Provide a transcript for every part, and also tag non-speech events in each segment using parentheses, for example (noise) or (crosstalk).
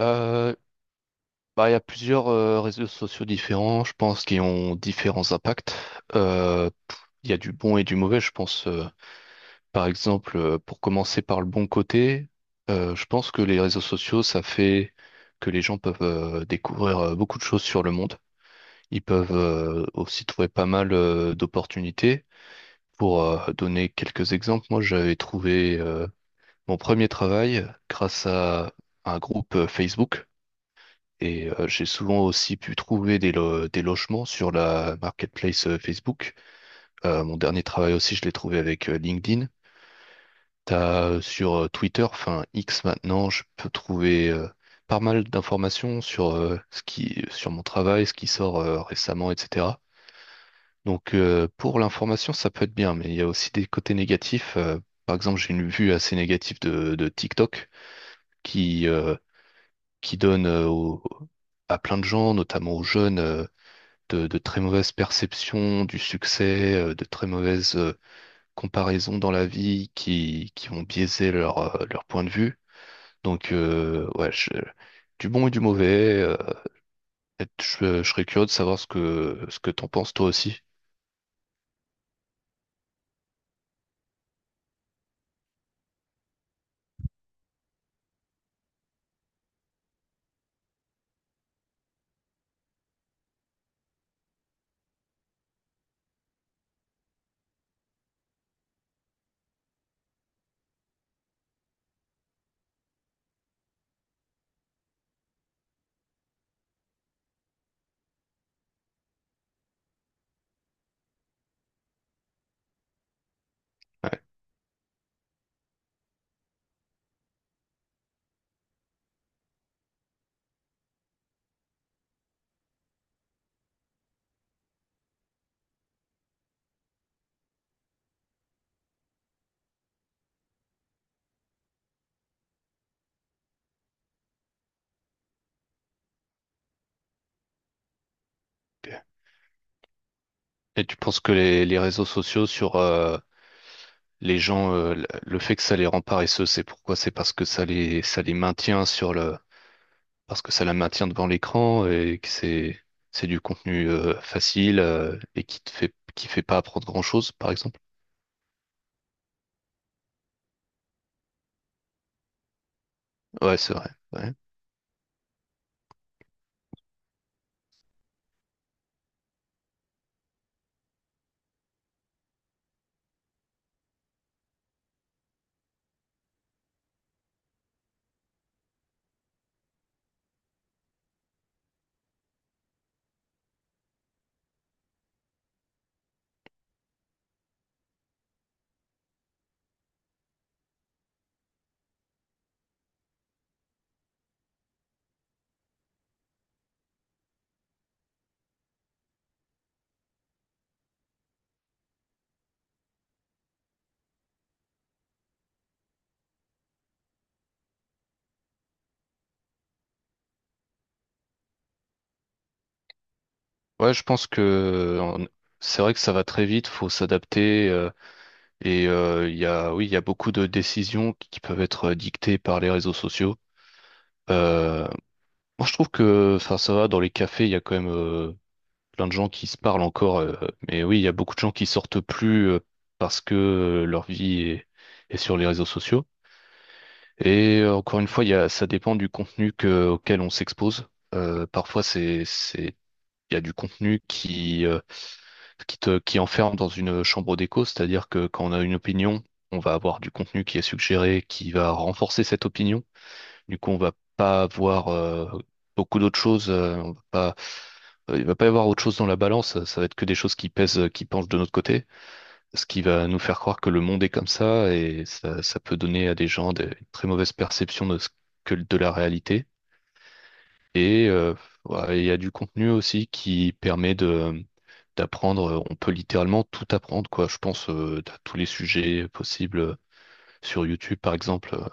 Euh, il y a plusieurs réseaux sociaux différents, je pense, qui ont différents impacts. Euh, pff, il y a du bon et du mauvais, je pense. Par exemple, pour commencer par le bon côté, je pense que les réseaux sociaux, ça fait que les gens peuvent découvrir beaucoup de choses sur le monde. Ils peuvent aussi trouver pas mal d'opportunités. Pour donner quelques exemples, moi, j'avais trouvé mon premier travail grâce à un groupe Facebook. J'ai souvent aussi pu trouver des logements sur la marketplace Facebook. Mon dernier travail aussi, je l'ai trouvé avec LinkedIn. T'as sur Twitter, enfin X maintenant, je peux trouver pas mal d'informations sur sur mon travail, ce qui sort récemment, etc. Pour l'information, ça peut être bien, mais il y a aussi des côtés négatifs. Par exemple, j'ai une vue assez négative de TikTok qui, euh, qui donne à plein de gens, notamment aux jeunes, de très mauvaises perceptions du succès, de très mauvaises comparaisons dans la vie qui ont biaisé leur, leur point de vue. Donc, euh, ouais, je- du bon et du mauvais. Je serais curieux de savoir ce que t'en penses toi aussi. Ouais. Et tu penses que les réseaux sociaux sur les gens, le fait que ça les rend paresseux, c'est pourquoi? C'est parce que ça les maintient sur le, parce que ça la maintient devant l'écran et que c'est du contenu facile qui fait pas apprendre grand-chose, par exemple. Ouais, c'est vrai. Ouais. Ouais, je pense que c'est vrai que ça va très vite, faut s'adapter il y a oui, il y a beaucoup de décisions qui peuvent être dictées par les réseaux sociaux. Euh, Moi, je trouve que enfin ça va dans les cafés, il y a quand même plein de gens qui se parlent encore mais oui, il y a beaucoup de gens qui sortent plus parce que est sur les réseaux sociaux. Encore une fois, ça dépend du contenu auquel on s'expose. Parfois, il y a du contenu qui enferme dans une chambre d'écho, c'est-à-dire que quand on a une opinion, on va avoir du contenu qui est suggéré, qui va renforcer cette opinion. Du coup, on va pas avoir beaucoup d'autres choses. On va pas, Il va pas y avoir autre chose dans la balance. Ça va être que des choses qui pèsent, qui penchent de notre côté, ce qui va nous faire croire que le monde est comme ça et ça, ça peut donner à des gens des une très mauvaises perceptions de ce que de la réalité. Et euh, ouais, il y a du contenu aussi qui permet de d'apprendre. On peut littéralement tout apprendre, quoi. Je pense à tous les sujets possibles sur YouTube, par exemple.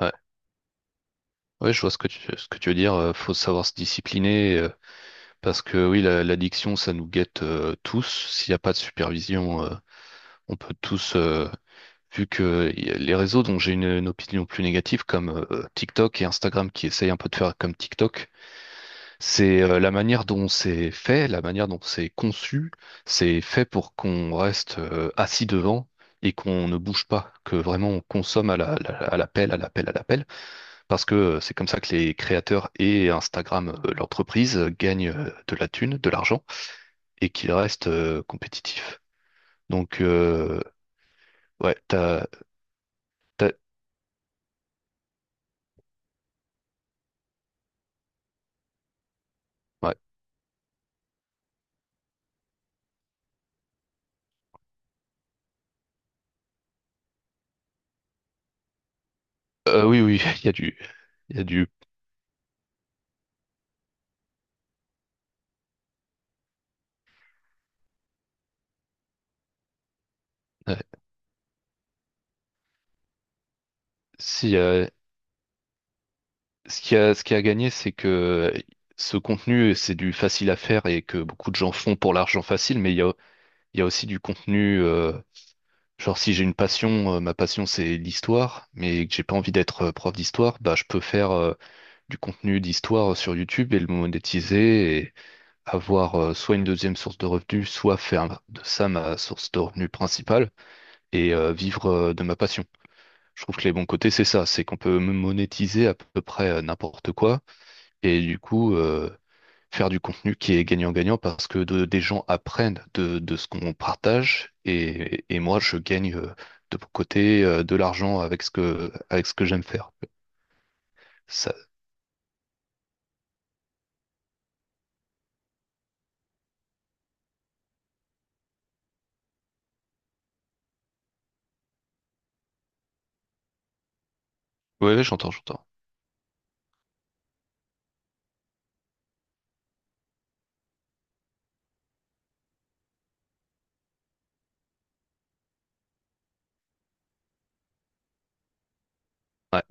Ouais, ouais, je vois ce que tu veux dire. Faut savoir se discipliner parce que oui, l'addiction, ça nous guette tous. S'il n'y a pas de supervision, on peut tous vu que y a les réseaux dont j'ai une opinion plus négative, comme TikTok et Instagram qui essayent un peu de faire comme TikTok, c'est la manière dont c'est fait, la manière dont c'est conçu, c'est fait pour qu'on reste assis devant et qu'on ne bouge pas, que vraiment on consomme à l'appel, à l'appel, à l'appel, parce que c'est comme ça que les créateurs et Instagram, l'entreprise, gagnent de la thune, de l'argent, et qu'ils restent compétitifs. Donc, euh, ouais, t'as, t'as- ouais. Oui, oui, (laughs) il y a du, il y a du. Ouais. Si, ce ce qui a gagné, c'est que ce contenu, c'est du facile à faire et que beaucoup de gens font pour l'argent facile, mais il y a aussi du contenu. Genre, si j'ai une passion, ma passion, c'est l'histoire, mais que j'ai pas envie d'être prof d'histoire, bah, je peux faire du contenu d'histoire sur YouTube et le monétiser et avoir soit une deuxième source de revenus, soit faire de ça ma source de revenus principale vivre de ma passion. Je trouve que les bons côtés, c'est ça, c'est qu'on peut monétiser à peu près n'importe quoi et faire du contenu qui est gagnant-gagnant parce que des gens apprennent de ce qu'on partage, et moi je gagne de mon côté de l'argent avec ce que j'aime faire. Ça, ouais, ouais, j'entends, j'entends. Ouais,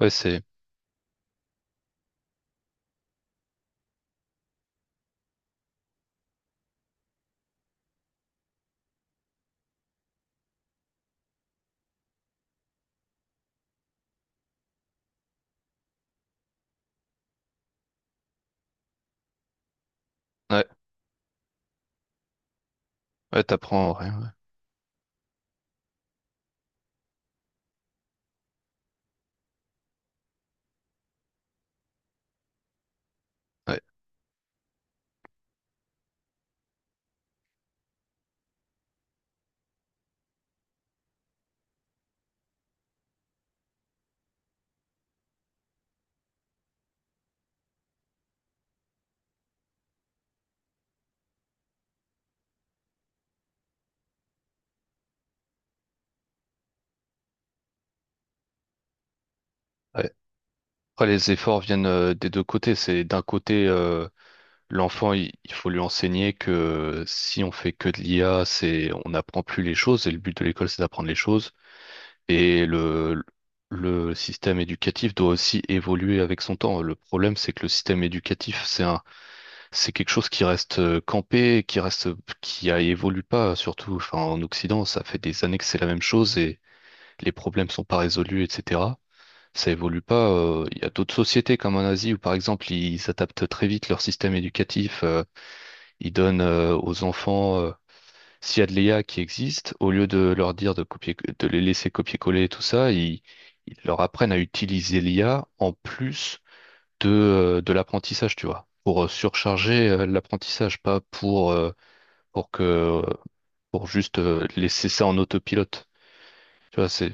ouais, c'est ouais, ouais, t'apprends, ouais, ouais, ouais. Ouais. Après, les efforts viennent des deux côtés. C'est d'un côté, il faut lui enseigner que si on fait que de l'IA, on n'apprend plus les choses. Et le but de l'école, c'est d'apprendre les choses. Et le, le système éducatif doit aussi évoluer avec son temps. Le problème, c'est que le système éducatif, c'est quelque chose qui reste campé, qui reste, qui a- évolue pas, surtout, enfin, en Occident, ça fait des années que c'est la même chose et les problèmes sont pas résolus, etc. Ça évolue pas. Il y a d'autres sociétés comme en Asie où, par exemple, ils adaptent très vite leur système éducatif. Ils donnent aux enfants, s'il y a de l'IA qui existe, au lieu de leur dire de copier, de les laisser copier-coller et tout ça, ils leur apprennent à utiliser l'IA en plus de l'apprentissage, tu vois, pour surcharger l'apprentissage, pas pour, pour que, pour juste laisser ça en autopilote. Tu vois,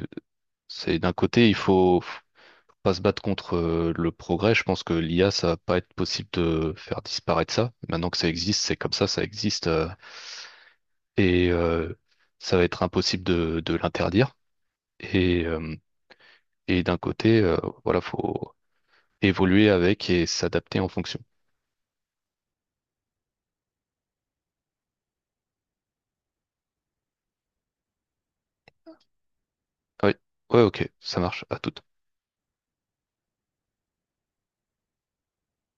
c'est d'un côté, il faut pas se battre contre le progrès. Je pense que l'IA, ça va pas être possible de faire disparaître ça. Maintenant que ça existe, c'est comme ça existe. Et euh, Ça va être impossible de l'interdire. Et, euh, D'un côté, voilà, faut évoluer avec et s'adapter en fonction. Oui, ouais, ok, ça marche. À tout